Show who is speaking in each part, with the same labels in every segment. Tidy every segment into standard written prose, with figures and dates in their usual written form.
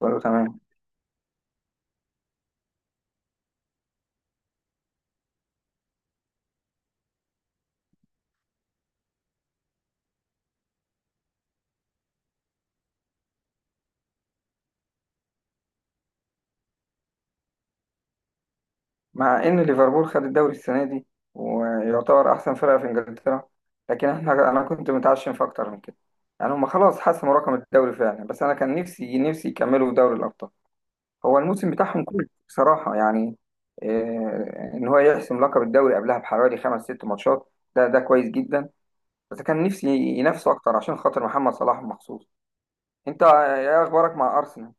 Speaker 1: كله تمام. مع ان ليفربول خد الدوري السنه دي، ويعتبر احسن فرقه في انجلترا، لكن انا كنت متعشم في اكتر من كده. يعني هم خلاص حسموا رقم الدوري فعلا، بس انا كان نفسي يكملوا دوري الابطال. هو الموسم بتاعهم كله بصراحه، يعني إيه؟ ان هو يحسم لقب الدوري قبلها بحوالي خمس ست ماتشات، ده كويس جدا. بس كان نفسي ينافسوا اكتر عشان خاطر محمد صلاح مخصوص. انت ايه اخبارك مع ارسنال؟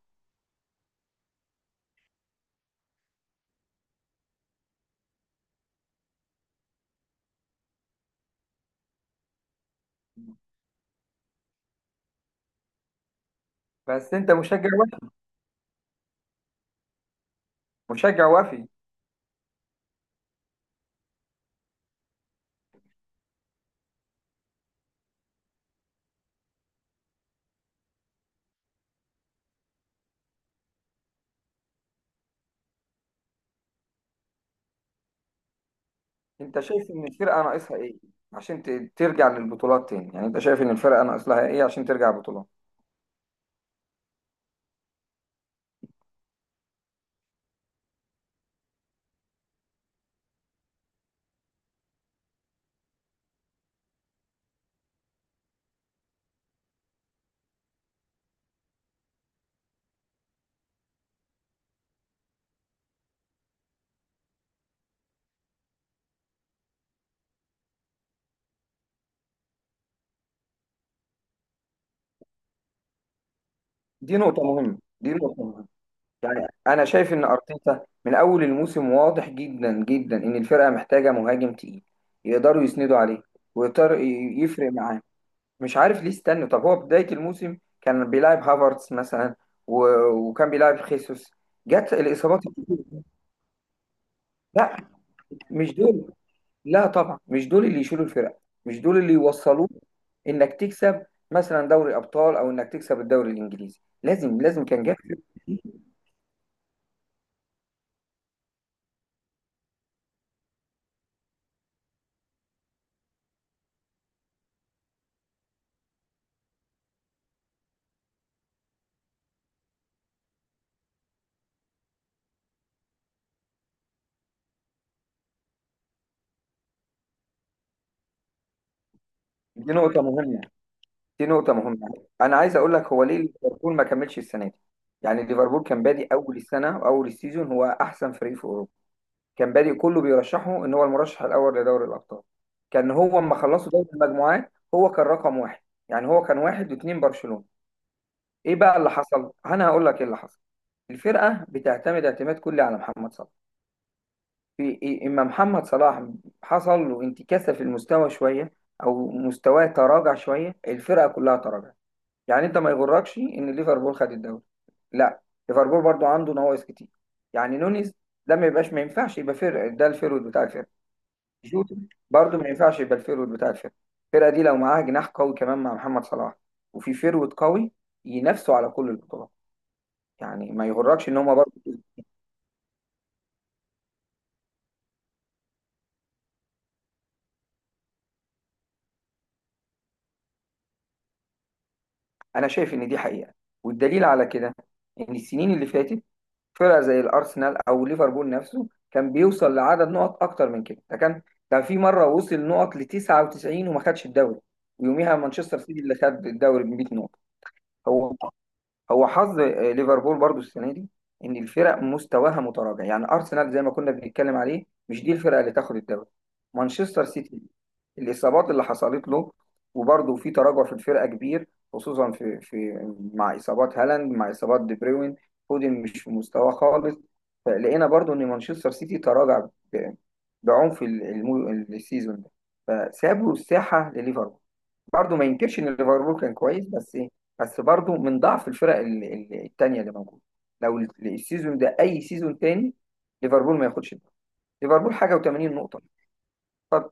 Speaker 1: بس انت مشجع وفي، مشجع وفي. انت شايف ان الفرقه ناقصها ايه عشان ترجع للبطولات تاني؟ يعني انت شايف ان الفرقه ناقص لها ايه عشان ترجع البطولات؟ دي نقطه مهمه، دي نقطه مهمه. يعني انا شايف ان ارتيتا من اول الموسم واضح جدا جدا ان الفرقه محتاجه مهاجم تقيل، يقدروا يسندوا عليه، ويقدر يفرق معاه. مش عارف ليه استنى. طب هو بدايه الموسم كان بيلعب هافرتس مثلا، وكان بيلعب خيسوس، جت الاصابات الكتير. لا، مش دول. لا طبعا مش دول اللي يشيلوا الفرق، مش دول اللي يوصلوك انك تكسب مثلا دوري ابطال، او انك تكسب الدوري الانجليزي. لازم لازم كان جاب فرق. دي نقطه مهمه، دي نقطه مهمه. انا عايز اقول لك هو ليه ليفربول ما كملش السنه دي. يعني ليفربول كان بادئ اول السنه واول السيزون هو احسن فريق في اوروبا. كان بادئ كله بيرشحه ان هو المرشح الاول لدوري الابطال. كان هو اما خلصوا دوري المجموعات هو كان رقم واحد. يعني هو كان واحد واثنين برشلونه. ايه بقى اللي حصل؟ انا هقول لك ايه اللي حصل. الفرقه بتعتمد اعتماد كلي على محمد صلاح. في إيه؟ اما محمد صلاح حصل له انتكاسه في المستوى شويه، او مستواه تراجع شويه، الفرقه كلها تراجع. يعني انت ما يغركش ان ليفربول خد الدوري، لا. ليفربول برضو عنده نواقص كتير. يعني نونيز، ده ما يبقاش، ما ينفعش يبقى فرق، ده الفيرود بتاع الفرقه. جوتا برضو ما ينفعش يبقى الفيرود بتاع الفرقه. الفرقه دي لو معاها جناح قوي كمان مع محمد صلاح، وفي فيرود قوي، ينافسوا على كل البطولات. يعني ما يغركش ان هم برضه كده. انا شايف ان دي حقيقه، والدليل على كده ان السنين اللي فاتت فرقه زي الارسنال او ليفربول نفسه كان بيوصل لعدد نقط اكتر من كده. ده كان، ده في مره وصل نقط ل 99 وما خدش الدوري، ويوميها مانشستر سيتي اللي خد الدوري ب 100 نقطه. هو هو حظ ليفربول برضو السنه دي ان الفرق مستواها متراجع. يعني ارسنال زي ما كنا بنتكلم عليه مش دي الفرقه اللي تاخد الدوري. مانشستر سيتي، الاصابات اللي حصلت له، وبرضه في تراجع في الفرقه كبير، خصوصا في مع اصابات هالاند مع اصابات دي بروين. فودن مش في مستواه خالص. فلقينا برضه ان مانشستر سيتي تراجع ب- بعنف السيزون ده، فسابوا الساحه لليفربول. برضه ما ينكرش ان ليفربول كان كويس، بس ايه؟ بس برضه من ضعف الفرق التانية اللي موجوده. لو السيزون ده اي سيزون تاني، ليفربول ما ياخدش ده. ليفربول حاجه و80 نقطه. طب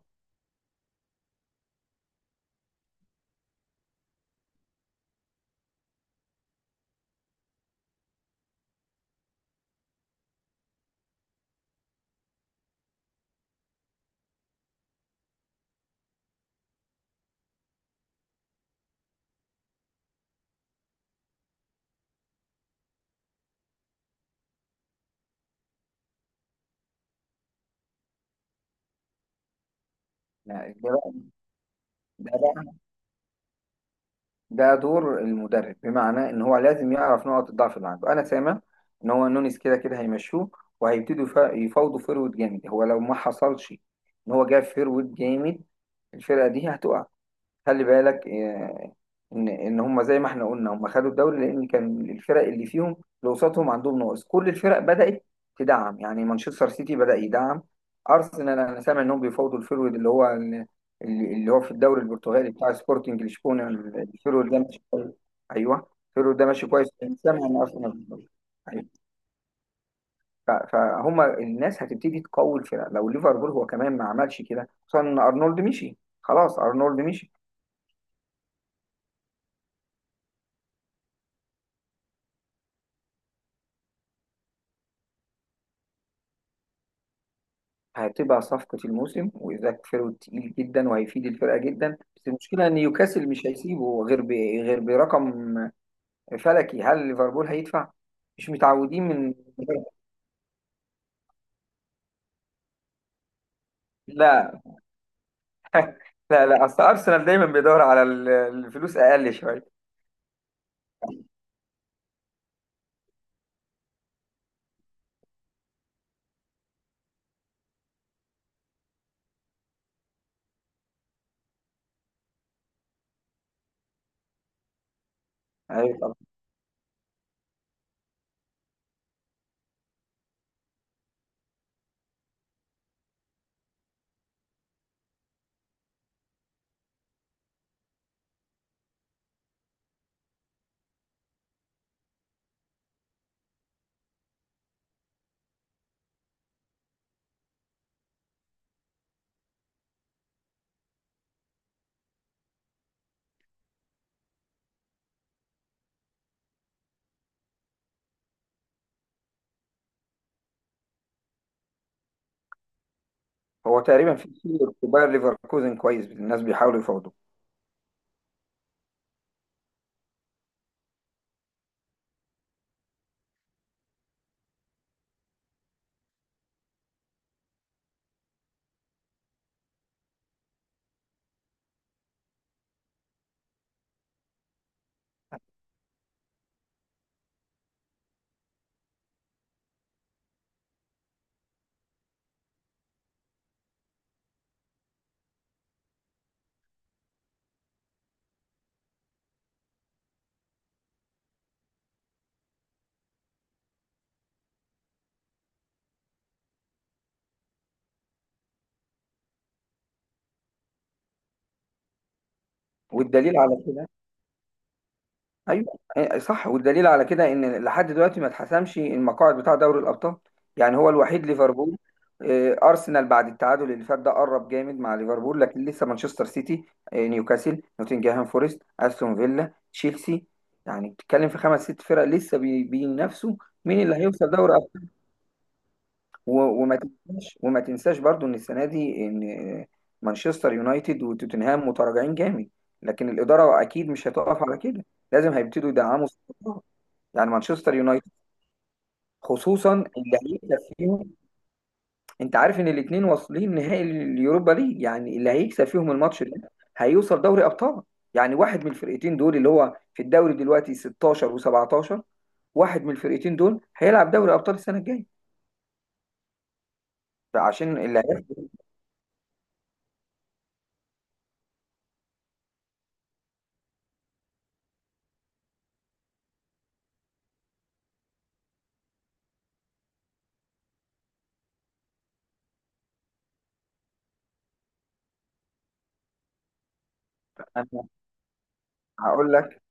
Speaker 1: يعني ده بقى، ده دور المدرب، بمعنى ان هو لازم يعرف نقط الضعف اللي عنده. انا سامع ان هو نونيز كده كده هيمشوه، وهيبتدوا يفاوضوا فيرود جامد. هو لو ما حصلش ان هو جاب فيرود جامد، الفرقه دي هتقع. خلي بالك ان هم زي ما احنا قلنا هم خدوا الدوري لان كان الفرق اللي فيهم، اللي قصادهم، عندهم ناقص. كل الفرق بدات تدعم. يعني مانشستر سيتي بدا يدعم، ارسنال انا سامع انهم بيفاوضوا الفيرود اللي هو اللي هو في الدوري البرتغالي بتاع سبورتنج لشبونه. الفيرود ده ماشي كويس. ايوه، الفيرود ده ماشي كويس. أنا سامع ان ارسنال، أيوة. فهم الناس هتبتدي تقوي الفرق. لو ليفربول هو كمان ما عملش كده، خصوصا ان ارنولد مشي خلاص، ارنولد مشي. هتبقى صفقة الموسم، وإيزاك فيرو تقيل جدا، وهيفيد الفرقة جدا. بس المشكلة إن نيوكاسل مش هيسيبه غير غير برقم فلكي. هل ليفربول هيدفع؟ مش متعودين من، لا. لا أصل أرسنال دايما بيدور على الفلوس أقل شوية. أيوة طبعا. هو تقريبا في كتير في باير ليفركوزن كويس، الناس بيحاولوا يفاوضوا. والدليل على كده، ايوه، إيه، صح، والدليل على كده ان لحد دلوقتي ما اتحسمش المقاعد بتاع دوري الابطال. يعني هو الوحيد ليفربول، ارسنال بعد التعادل اللي فات ده قرب جامد مع ليفربول، لكن لسه مانشستر سيتي، نيوكاسل، نوتنجهام فورست، استون فيلا، تشيلسي. يعني بتتكلم في خمس ست فرق لسه بينافسوا. مين اللي هيوصل دوري ابطال؟ وما تنساش، برضو ان السنه دي ان آه، مانشستر يونايتد وتوتنهام متراجعين جامد. لكن الاداره اكيد مش هتقف على كده. لازم هيبتدوا يدعموا. يعني مانشستر يونايتد، خصوصا اللي هيكسب فيهم. انت عارف ان الاثنين واصلين نهائي اليوروبا ليج؟ يعني اللي هيكسب فيهم الماتش ده هيوصل دوري ابطال. يعني واحد من الفرقتين دول اللي هو في الدوري دلوقتي 16 و17، واحد من الفرقتين دول هيلعب دوري ابطال السنه الجايه. فعشان اللي هياخد، انا هقول لك.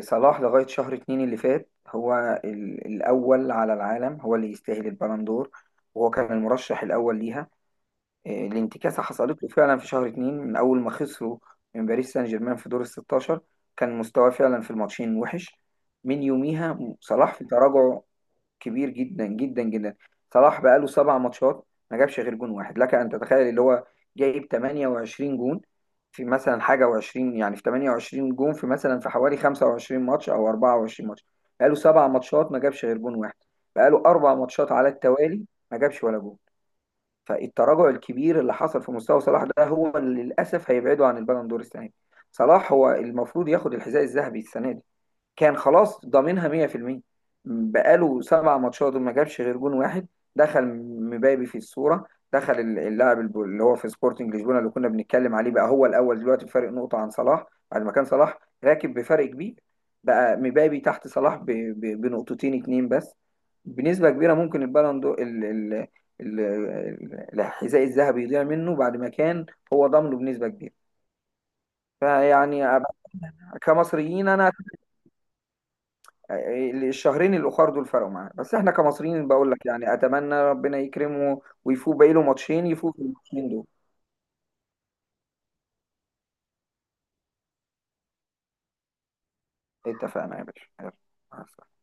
Speaker 1: صلاح لغايه شهر اتنين اللي فات هو الاول على العالم، هو اللي يستاهل البالندور، وهو كان المرشح الاول ليها. الانتكاسة حصلت له فعلا في شهر اتنين من أول ما خسروا من باريس سان جيرمان في دور الستاشر. كان مستواه فعلا في الماتشين وحش. من يوميها صلاح في تراجع كبير جدا جدا جدا. صلاح بقاله سبع ماتشات ما جابش غير جون واحد. لك أن تتخيل، اللي هو جايب 28 جون في مثلا حاجة و20، يعني في 28 جون في مثلا في حوالي 25 ماتش أو 24 ماتش، بقاله سبع ماتشات ما جابش غير جون واحد، بقاله أربع ماتشات على التوالي ما جابش ولا جون. فالتراجع الكبير اللي حصل في مستوى صلاح ده هو اللي للاسف هيبعده عن البالون دور السنه دي. صلاح هو المفروض ياخد الحذاء الذهبي السنه دي، كان خلاص ضامنها 100%. بقاله سبع ماتشات وما جابش غير جون واحد. دخل مبابي في الصورة، دخل اللاعب اللي هو في سبورتنج لشبونة اللي كنا بنتكلم عليه بقى هو الأول دلوقتي بفرق نقطة عن صلاح، بعد ما كان صلاح راكب بفرق كبير. بقى مبابي تحت صلاح بنقطتين اتنين بس. بنسبة كبيرة ممكن البالون دو ال- الحذاء الذهبي يضيع منه، بعد ما كان هو ضامنه بنسبة كبيرة. فيعني كمصريين، أنا الشهرين الاخر دول فرقوا معانا. بس احنا كمصريين بقول لك يعني اتمنى ربنا يكرمه ويفوق، باقي له ماتشين، يفوق في الماتشين دول. اتفقنا يا باشا، يلا. مع السلامة.